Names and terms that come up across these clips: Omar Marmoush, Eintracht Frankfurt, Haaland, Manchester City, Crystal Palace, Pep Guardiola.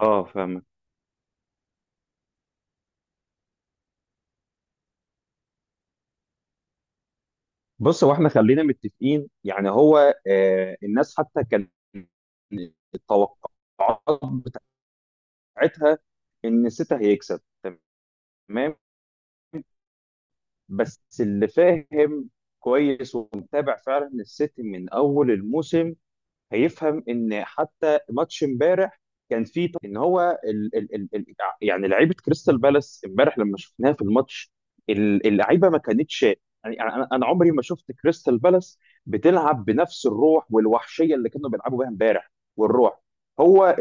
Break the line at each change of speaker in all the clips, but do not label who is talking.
اه فاهمك. بص هو احنا خلينا متفقين، يعني هو الناس حتى كان التوقعات بتاعتها ان سيتا هيكسب، تمام؟ بس اللي فاهم كويس ومتابع فعلا السيتي من اول الموسم هيفهم ان حتى ماتش امبارح كان فيه ط- ان هو ال ال ال ال يعني لعيبه كريستال بالاس امبارح لما شفناها في الماتش اللعيبه ما كانتش، يعني انا عمري ما شفت كريستال بالاس بتلعب بنفس الروح والوحشيه اللي كانوا بيلعبوا بيها امبارح. والروح، هو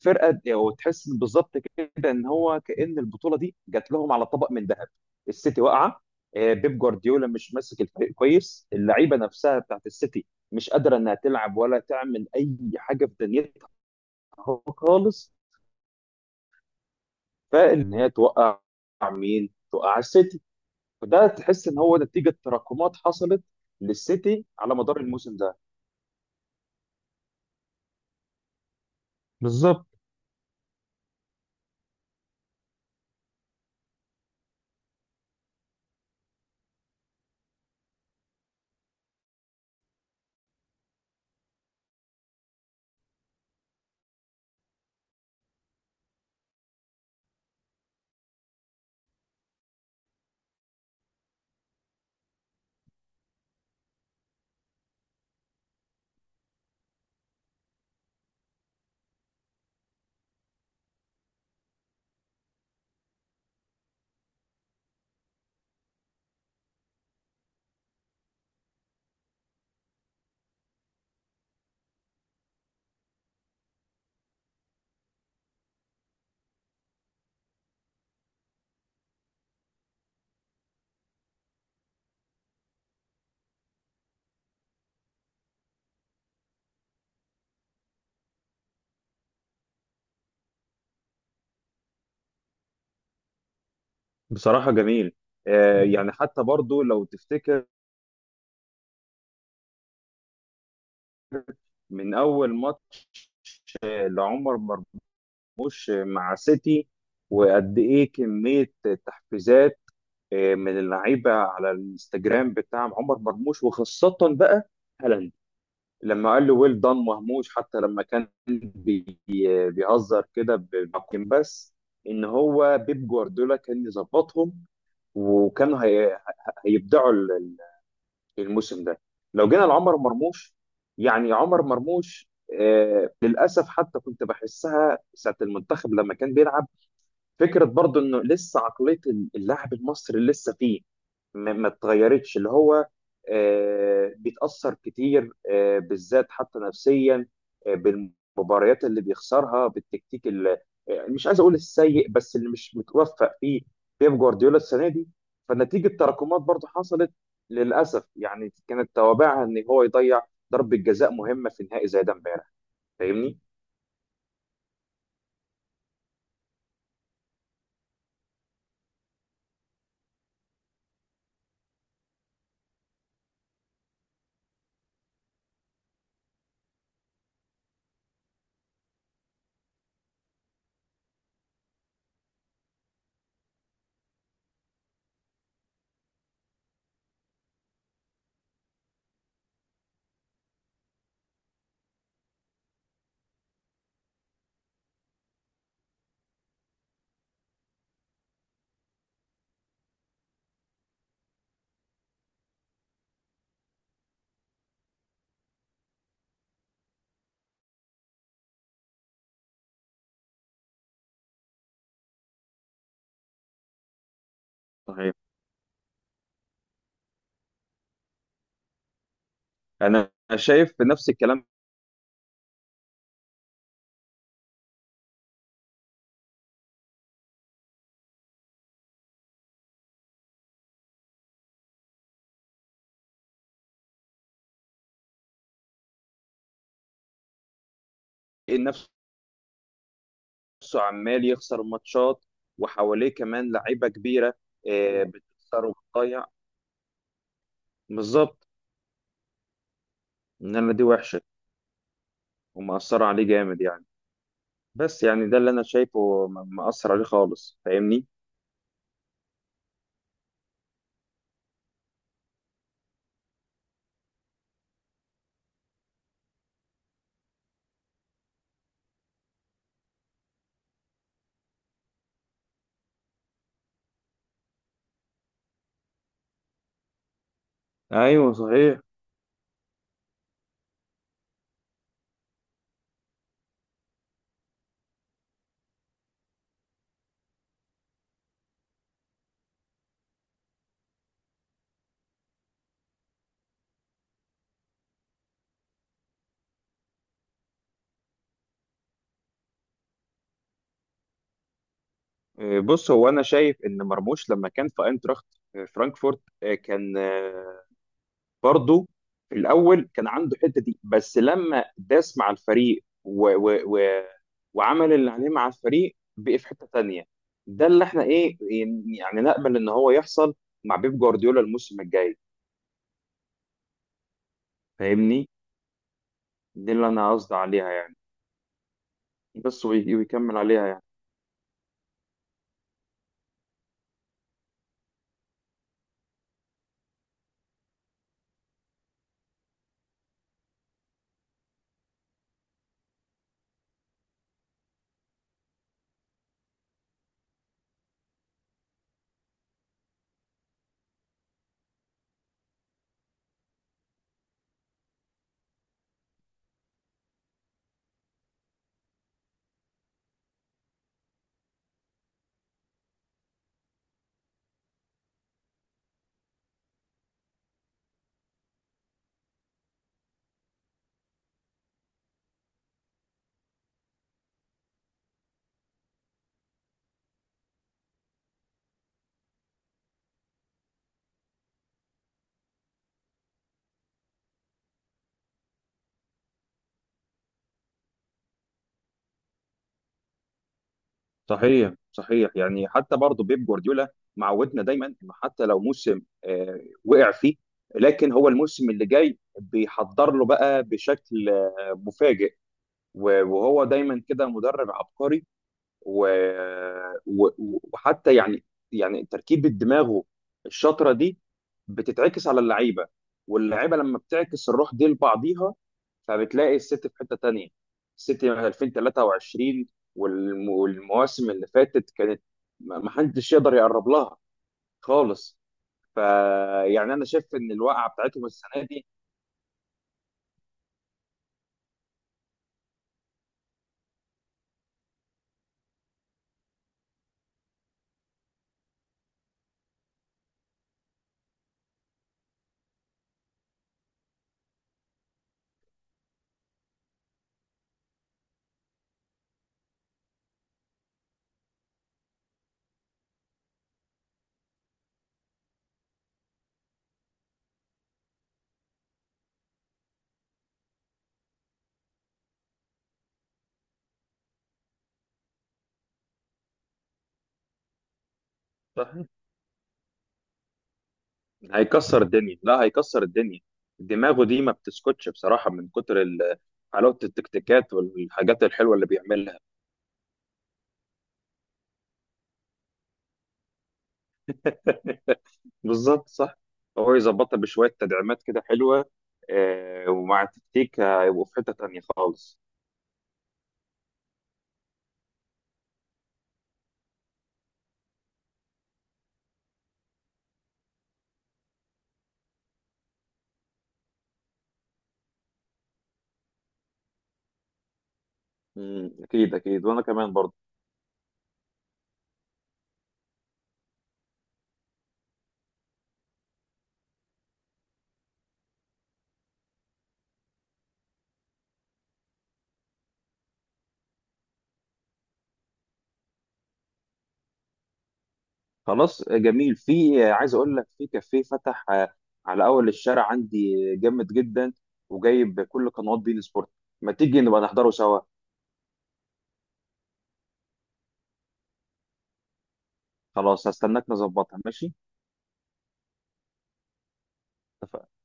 الفرقه وتحس بالظبط كده ان هو كأن البطوله دي جات لهم على طبق من ذهب. السيتي واقعه، بيب جوارديولا مش ماسك الفريق كويس، اللعيبه نفسها بتاعت السيتي مش قادره انها تلعب ولا تعمل اي حاجه في دنيتها خالص. فان هي توقع مين؟ توقع السيتي. وده تحس ان هو نتيجه تراكمات حصلت للسيتي على مدار الموسم ده. بالظبط. بصراحه جميل. يعني حتى برضو لو تفتكر من اول ماتش لعمر مرموش مع سيتي، وقد ايه كميه تحفيزات من اللعيبه على الانستجرام بتاع عمر مرموش، وخاصه بقى هالاند لما قال له ويل دان مهموش. حتى لما كان بيهزر كده بس ان هو بيب جوارديولا كان يظبطهم، وكانوا هي هيبدعوا الموسم ده. لو جينا لعمر مرموش، يعني عمر مرموش للاسف حتى كنت بحسها ساعه المنتخب لما كان بيلعب، فكره برضو انه لسه عقليه اللاعب المصري لسه فيه، ما اتغيرتش. اللي هو بيتاثر كتير، بالذات حتى نفسيا، بالمباريات اللي بيخسرها، بالتكتيك اللي مش عايز اقول السيء، بس اللي مش متوفق فيه بيب جوارديولا السنه دي. فنتيجه تراكمات برضو حصلت للاسف، يعني كانت توابعها ان هو يضيع ضربه جزاء مهمه في نهائي زي ده امبارح. فاهمني؟ صحيح. انا شايف نفس الكلام. نفس نفسه عمال يخسر ماتشات، وحواليه كمان لعيبه كبيره بتخسر وبتضيع. بالظبط. انما دي وحشه ومأثره عليه جامد يعني. بس يعني ده اللي انا شايفه مأثر عليه خالص. فاهمني؟ ايوه صحيح. بص هو انا شايف ان مرموش لما كان في اينتراخت فرانكفورت، كان برضه في الاول كان عنده الحته دي، بس لما داس مع الفريق و وعمل اللي عليه مع الفريق بقي في حته تانيه. ده اللي احنا ايه، يعني نامل ان هو يحصل مع بيب جوارديولا الموسم الجاي. فاهمني؟ دي اللي انا قصدي عليها يعني. بس ويكمل عليها يعني. صحيح صحيح. يعني حتى برضه بيب جوارديولا معودنا دايما انه حتى لو موسم وقع فيه، لكن هو الموسم اللي جاي بيحضر له بقى بشكل مفاجئ. و- وهو دايما كده مدرب عبقري، و... و... وحتى يعني يعني تركيبة دماغه الشاطرة دي بتتعكس على اللعيبة، واللعيبة لما بتعكس الروح دي لبعضيها فبتلاقي السيتي في حتة تانية. السيتي من 2023 والم... والمواسم اللي فاتت كانت ما حدش يقدر يقرب لها خالص. فيعني انا شايف ان الوقعة بتاعتهم السنة دي هيكسر الدنيا. لا هيكسر الدنيا، دماغه دي ما بتسكتش بصراحة من كتر حلاوة التكتيكات والحاجات الحلوة اللي بيعملها. بالظبط صح. هو يظبطها بشوية تدعيمات كده حلوة، ومع التكتيك هيبقوا في حتة تانية خالص. مم، أكيد أكيد، وأنا كمان برضه. خلاص. جميل. في عايز أقول لك في كافيه فتح على أول الشارع عندي، جامد جدا، وجايب كل قنوات بين سبورت. ما تيجي نبقى نحضره سوا؟ خلاص هستناك، نظبطها، ماشي. اتفقنا.